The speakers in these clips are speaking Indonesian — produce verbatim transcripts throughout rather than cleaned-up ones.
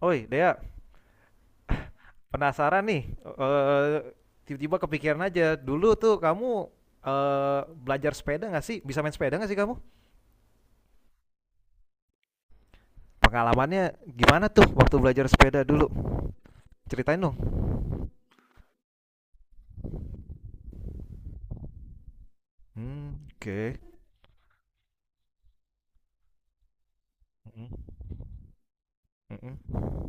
Oi, Dea, penasaran nih. Eh, tiba-tiba kepikiran aja. Dulu tuh kamu eh, belajar sepeda nggak sih? Bisa main sepeda nggak sih kamu? Pengalamannya gimana tuh waktu belajar sepeda dulu? Ceritain dong. Hmm, oke. Mm-mm, mm-mm.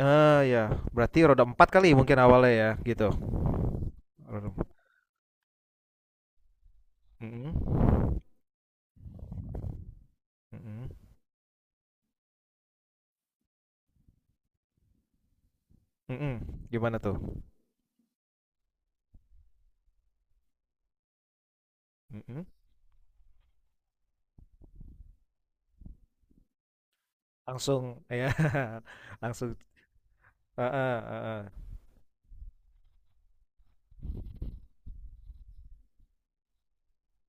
Eh, ya, berarti roda empat kali mungkin awalnya ya, gitu. Roda empat. Mm-mm, mm-mm, mm-mm. Gimana tuh? Mm-mm. Langsung, ya, langsung. Heeh, heeh.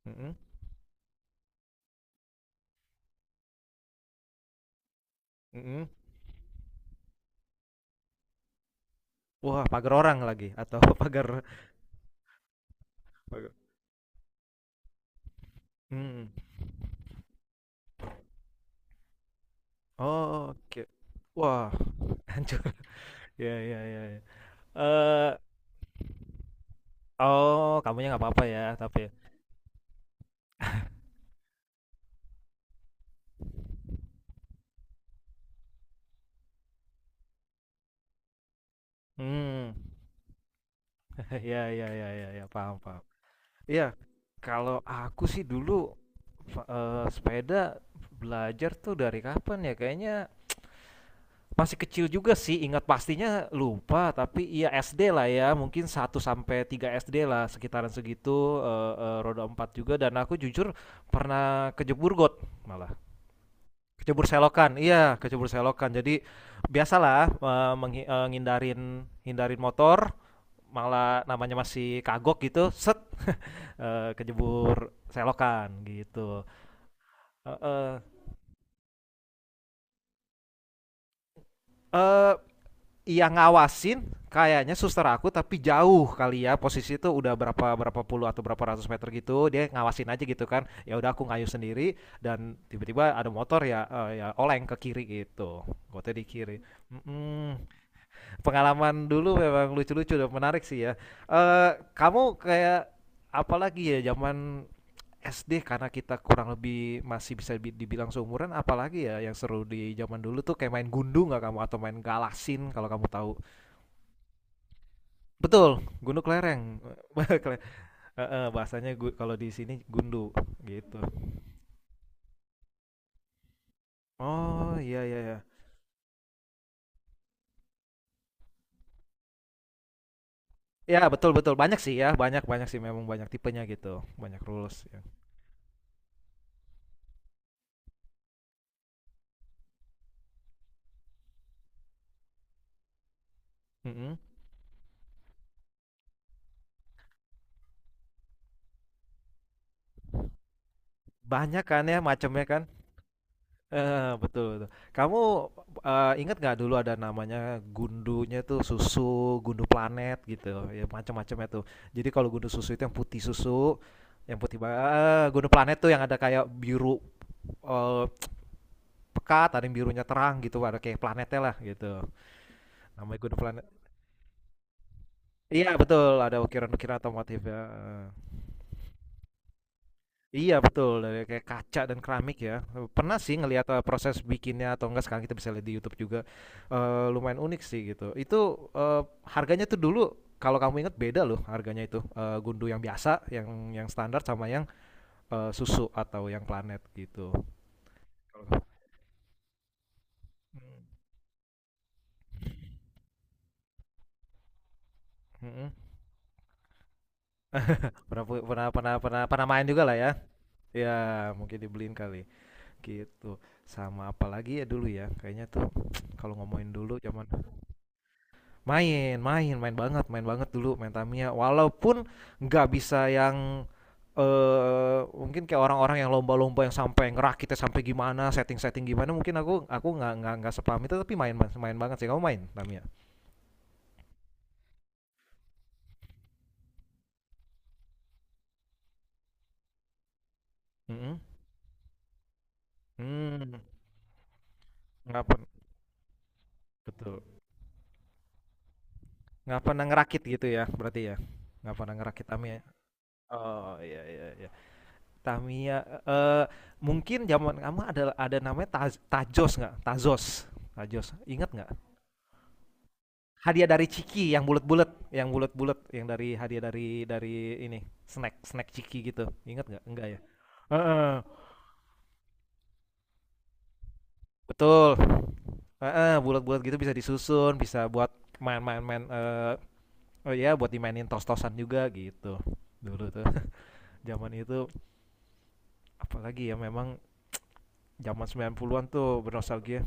Mm-mm. Mhm. Wah, pagar orang lagi atau pagar. Pagar. Mhm. Oh, oke. Wah, hancur. Ya, ya, ya, ya. Eee, oh, kamunya nggak apa-apa ya tapi mmm, ya, ya, ya, ya, ya, paham paham. Iya, kalau aku sih dulu, eee, sepeda belajar tuh dari kapan ya, kayaknya masih kecil juga sih, ingat pastinya lupa, tapi iya S D lah ya, mungkin satu sampai tiga S D lah, sekitaran segitu, eee eee, roda empat juga, dan aku jujur pernah kejebur got malah, kejebur selokan, iya, kejebur selokan. Jadi biasalah, eee, menghi eee, ngindarin hindarin motor, malah namanya masih kagok gitu, set, eee, kejebur selokan gitu. Heeh. Eee yang ngawasin kayaknya suster aku, tapi jauh kali ya, posisi itu udah berapa berapa puluh atau berapa ratus meter gitu, dia ngawasin aja gitu kan. Ya udah, aku ngayuh sendiri dan tiba-tiba ada motor ya, eh, ya, oleng ke kiri gitu, gotnya di kiri. Mm-mm. Pengalaman dulu memang lucu-lucu dan menarik sih ya. eh Kamu kayak, apalagi ya zaman S D, karena kita kurang lebih masih bisa bi- dibilang seumuran. Apalagi ya yang seru di zaman dulu tuh kayak main gundu nggak kamu, atau main galasin kalau kamu tahu? Betul, gundu kelereng. Bah- kele- heeh, bahasanya gu kalau di sini gundu, gitu. Oh, iya, iya, iya. Iya, betul betul, banyak sih ya, banyak banyak sih, memang banyak tipenya gitu, banyak rules ya. Mhm. Banyak kan ya macamnya kan? Heeh, betul betul. Kamu, eee, inget nggak dulu ada namanya gundunya tuh susu, gundu planet gitu, ya macam-macamnya tuh. Jadi kalau gundu susu itu yang putih susu, yang putih ba eh, gundu planet tuh yang ada kayak biru, eh, pekat, ada yang birunya terang gitu, ada kayak planetnya lah gitu. Namanya Good Planet. Iya betul, ada ukiran-ukiran otomotif ya. eh. Iya betul, dari kayak kaca dan keramik ya. Pernah sih ngelihat eh, proses bikinnya atau enggak, sekarang kita bisa lihat di YouTube juga. Eh, lumayan unik sih gitu. Itu eh, harganya tuh dulu, kalau kamu ingat, beda loh harganya itu. Eh, gundu yang biasa, yang yang standar, sama yang eh, susu atau yang planet gitu. Mm-mm. Pernah, pernah pernah pernah pernah main juga lah ya. Ya, mungkin dibeliin kali. Gitu, sama apalagi ya dulu ya, kayaknya tuh kalau ngomongin dulu zaman main, main, main banget, main banget dulu main Tamiya. Walaupun nggak bisa yang, eee, mungkin kayak orang-orang yang lomba-lomba yang sampai ngerakitnya sampai gimana, setting-setting gimana, mungkin aku aku nggak nggak nggak sepaham itu, tapi main ba main banget sih. Kamu main Tamiya? Mhm, mmm, nggak pernah, betul, nggak pernah ngerakit gitu ya berarti ya? Nggak pernah ngerakit Tamiya? Oh, iya, iya, iya. Tamiya, eh mungkin zaman kamu ada ada namanya Taz- Tajos nggak? Tazos. Tajos. Ingat nggak? Hadiah dari Ciki yang bulat-bulat, yang bulat-bulat yang dari hadiah dari dari ini, snack snack Ciki gitu. Ingat nggak? Enggak ya. Heeh. Betul. Heeh, bulat-bulat gitu bisa disusun, bisa buat main-main-main eh oh iya, buat dimainin tos-tosan juga gitu. Dulu tuh zaman itu, apalagi ya memang zaman sembilan puluhan-an tuh, bernostalgia.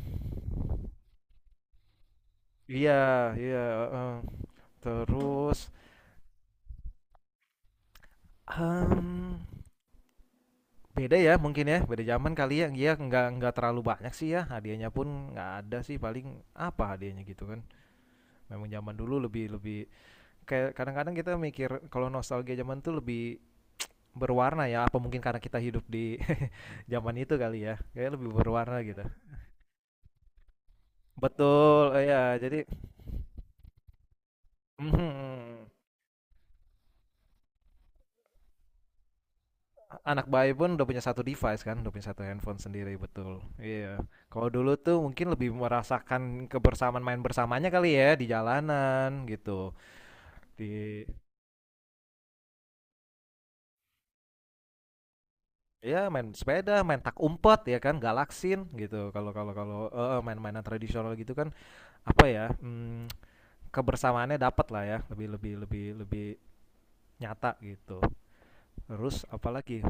Iya, iya, heeh. Terus em, beda ya mungkin ya, beda zaman kali ya. Dia nggak nggak terlalu banyak sih ya. Hadiahnya pun nggak ada sih, paling apa hadiahnya gitu kan. Memang zaman dulu lebih lebih kayak kadang-kadang kita mikir kalau nostalgia zaman tuh lebih berwarna ya. Apa mungkin karena kita hidup di zaman itu kali ya. Kayak lebih berwarna gitu. Betul, ya. Jadi mhm, anak bayi pun udah punya satu device kan, udah punya satu handphone sendiri, betul. Iya. Kalau dulu tuh mungkin lebih merasakan kebersamaan main bersamanya kali ya, di jalanan gitu. Di Ya, main sepeda, main tak umpet ya kan, galaksin gitu. Kalau kalau kalau eh, main-mainan tradisional gitu kan, apa ya? Hmm, kebersamaannya dapat lah ya, lebih lebih lebih lebih nyata gitu. Terus apalagi,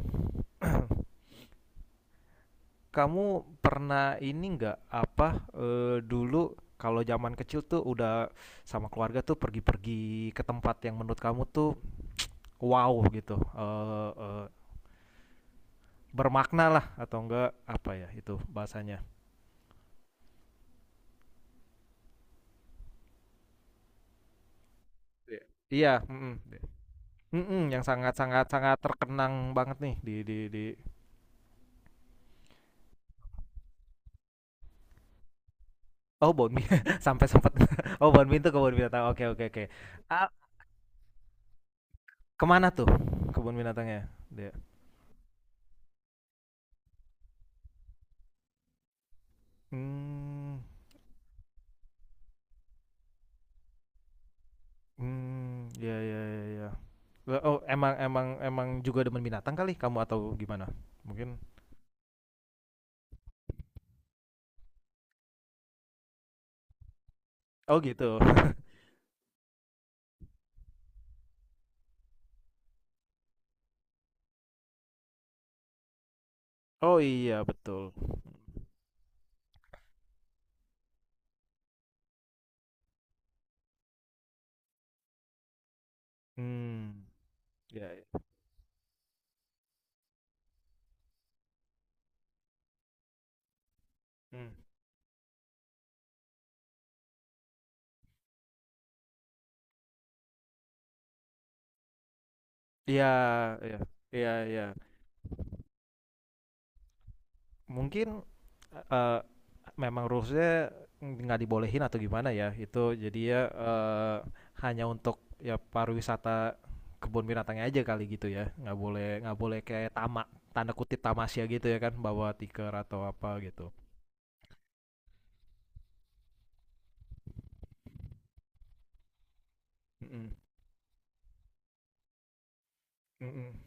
kamu pernah ini nggak, apa eh, dulu kalau zaman kecil tuh udah sama keluarga tuh pergi-pergi ke tempat yang menurut kamu tuh wow gitu, eh, eh, bermakna lah, atau enggak, apa ya itu bahasanya? Iya, mm-mm. Mm-mm, yang sangat-sangat sangat terkenang banget nih di di di oh Bon Mie, sampai sempat oh Bon Mie itu kebun binatang, oke, oke, oke. Ah, kemana tuh kebun binatangnya dia? Hmm. Hmm, ya, ya, ya, iya. Eee, oh, emang emang emang juga demen binatang kali kamu, atau gimana? Mungkin oh gitu. Oh iya, betul. Hmm, ya, iya. Mmm. Iya, iya. Iya, iya. Mungkin, eh, eh, memang rules nggak dibolehin atau gimana ya, itu jadinya, eee, hanya untuk ya pariwisata kebun binatangnya aja kali gitu ya, nggak boleh nggak boleh kayak tamak tanda kutip tamasya gitu ya kan, bawa tikar atau apa gitu. Mhm, mhm.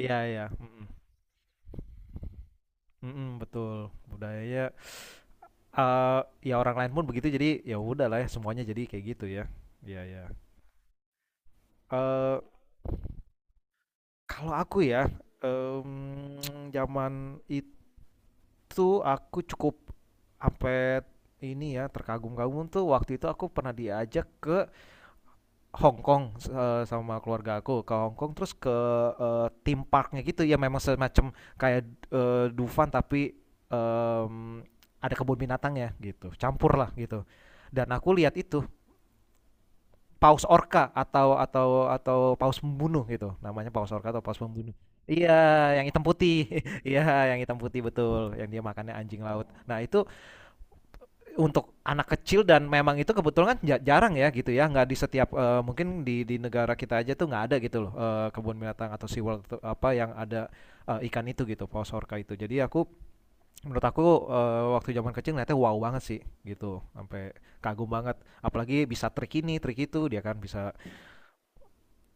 Iya iya, mhm. Mhm, betul. Budayanya, eee, ya orang lain pun begitu, jadi ya udahlah ya, semuanya jadi kayak gitu ya. Iya, iya. Eee, Kalau aku ya, mmm, zaman itu aku cukup sampai ini ya, terkagum-kagum tuh waktu itu aku pernah diajak ke Hong Kong, s- eh, sama keluarga aku ke Hong Kong, terus ke eh, theme parknya gitu ya, memang semacam kayak eh, Dufan tapi em, ada kebun binatang ya, gitu campur lah gitu, dan aku lihat itu paus orca atau atau atau paus pembunuh gitu namanya, paus orca atau paus pembunuh, iya, yang hitam putih. Iya, yang hitam putih, betul, yang dia makannya anjing laut. Nah itu untuk anak kecil, dan memang itu kebetulan kan ja- jarang ya gitu ya, nggak di setiap, eh, mungkin di di negara kita aja tuh nggak ada gitu loh, eh, kebun binatang atau SeaWorld apa yang ada eh, ikan itu gitu, paus orca itu. Jadi aku, menurut aku, eh, waktu zaman kecil ngeliatnya wow banget sih gitu, sampai kagum banget, apalagi bisa trik ini trik itu, dia kan bisa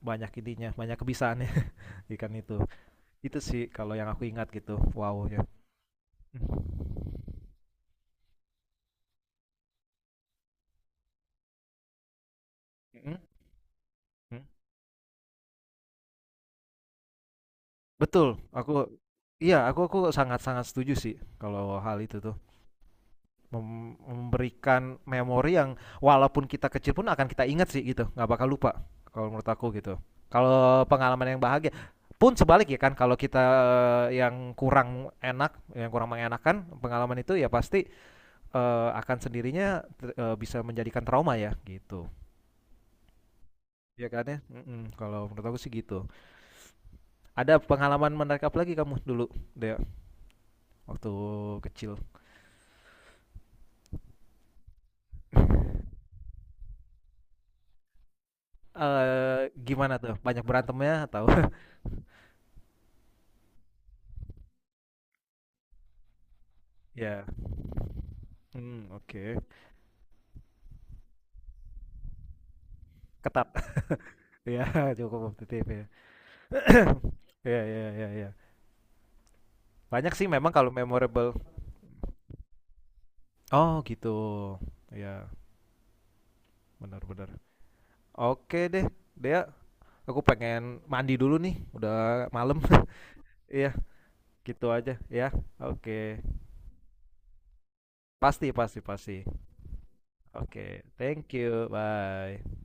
banyak ininya, banyak kebisaannya, ikan itu itu sih kalau yang aku ingat, gitu wow ya. Mm. Mm-mm. Mm. Betul, aku, iya, aku aku sangat-sangat setuju sih kalau hal itu tuh. Mem memberikan memori yang, walaupun kita kecil pun akan kita ingat sih gitu, nggak bakal lupa kalau menurut aku gitu. Kalau pengalaman yang bahagia pun sebalik ya kan, kalau kita yang kurang enak, yang kurang mengenakan pengalaman itu ya pasti, eee, akan sendirinya ter eee, bisa menjadikan trauma ya gitu, ya kan ya? Mhm, kalau menurut aku sih gitu. Ada pengalaman menarik apa lagi kamu dulu, Dea, waktu kecil? Eee, gimana tuh? Banyak berantemnya atau ya, mmm, oke. Ketat. Ya, cukup kompetitif ya. Ya, ya, ya, iya. Banyak sih memang kalau memorable. Oh gitu. Ya, benar-benar. Oke deh, Dea, aku pengen mandi dulu nih, udah malam. Iya, gitu aja ya. Oke. Pasti, pasti, pasti. Oke, thank you, bye.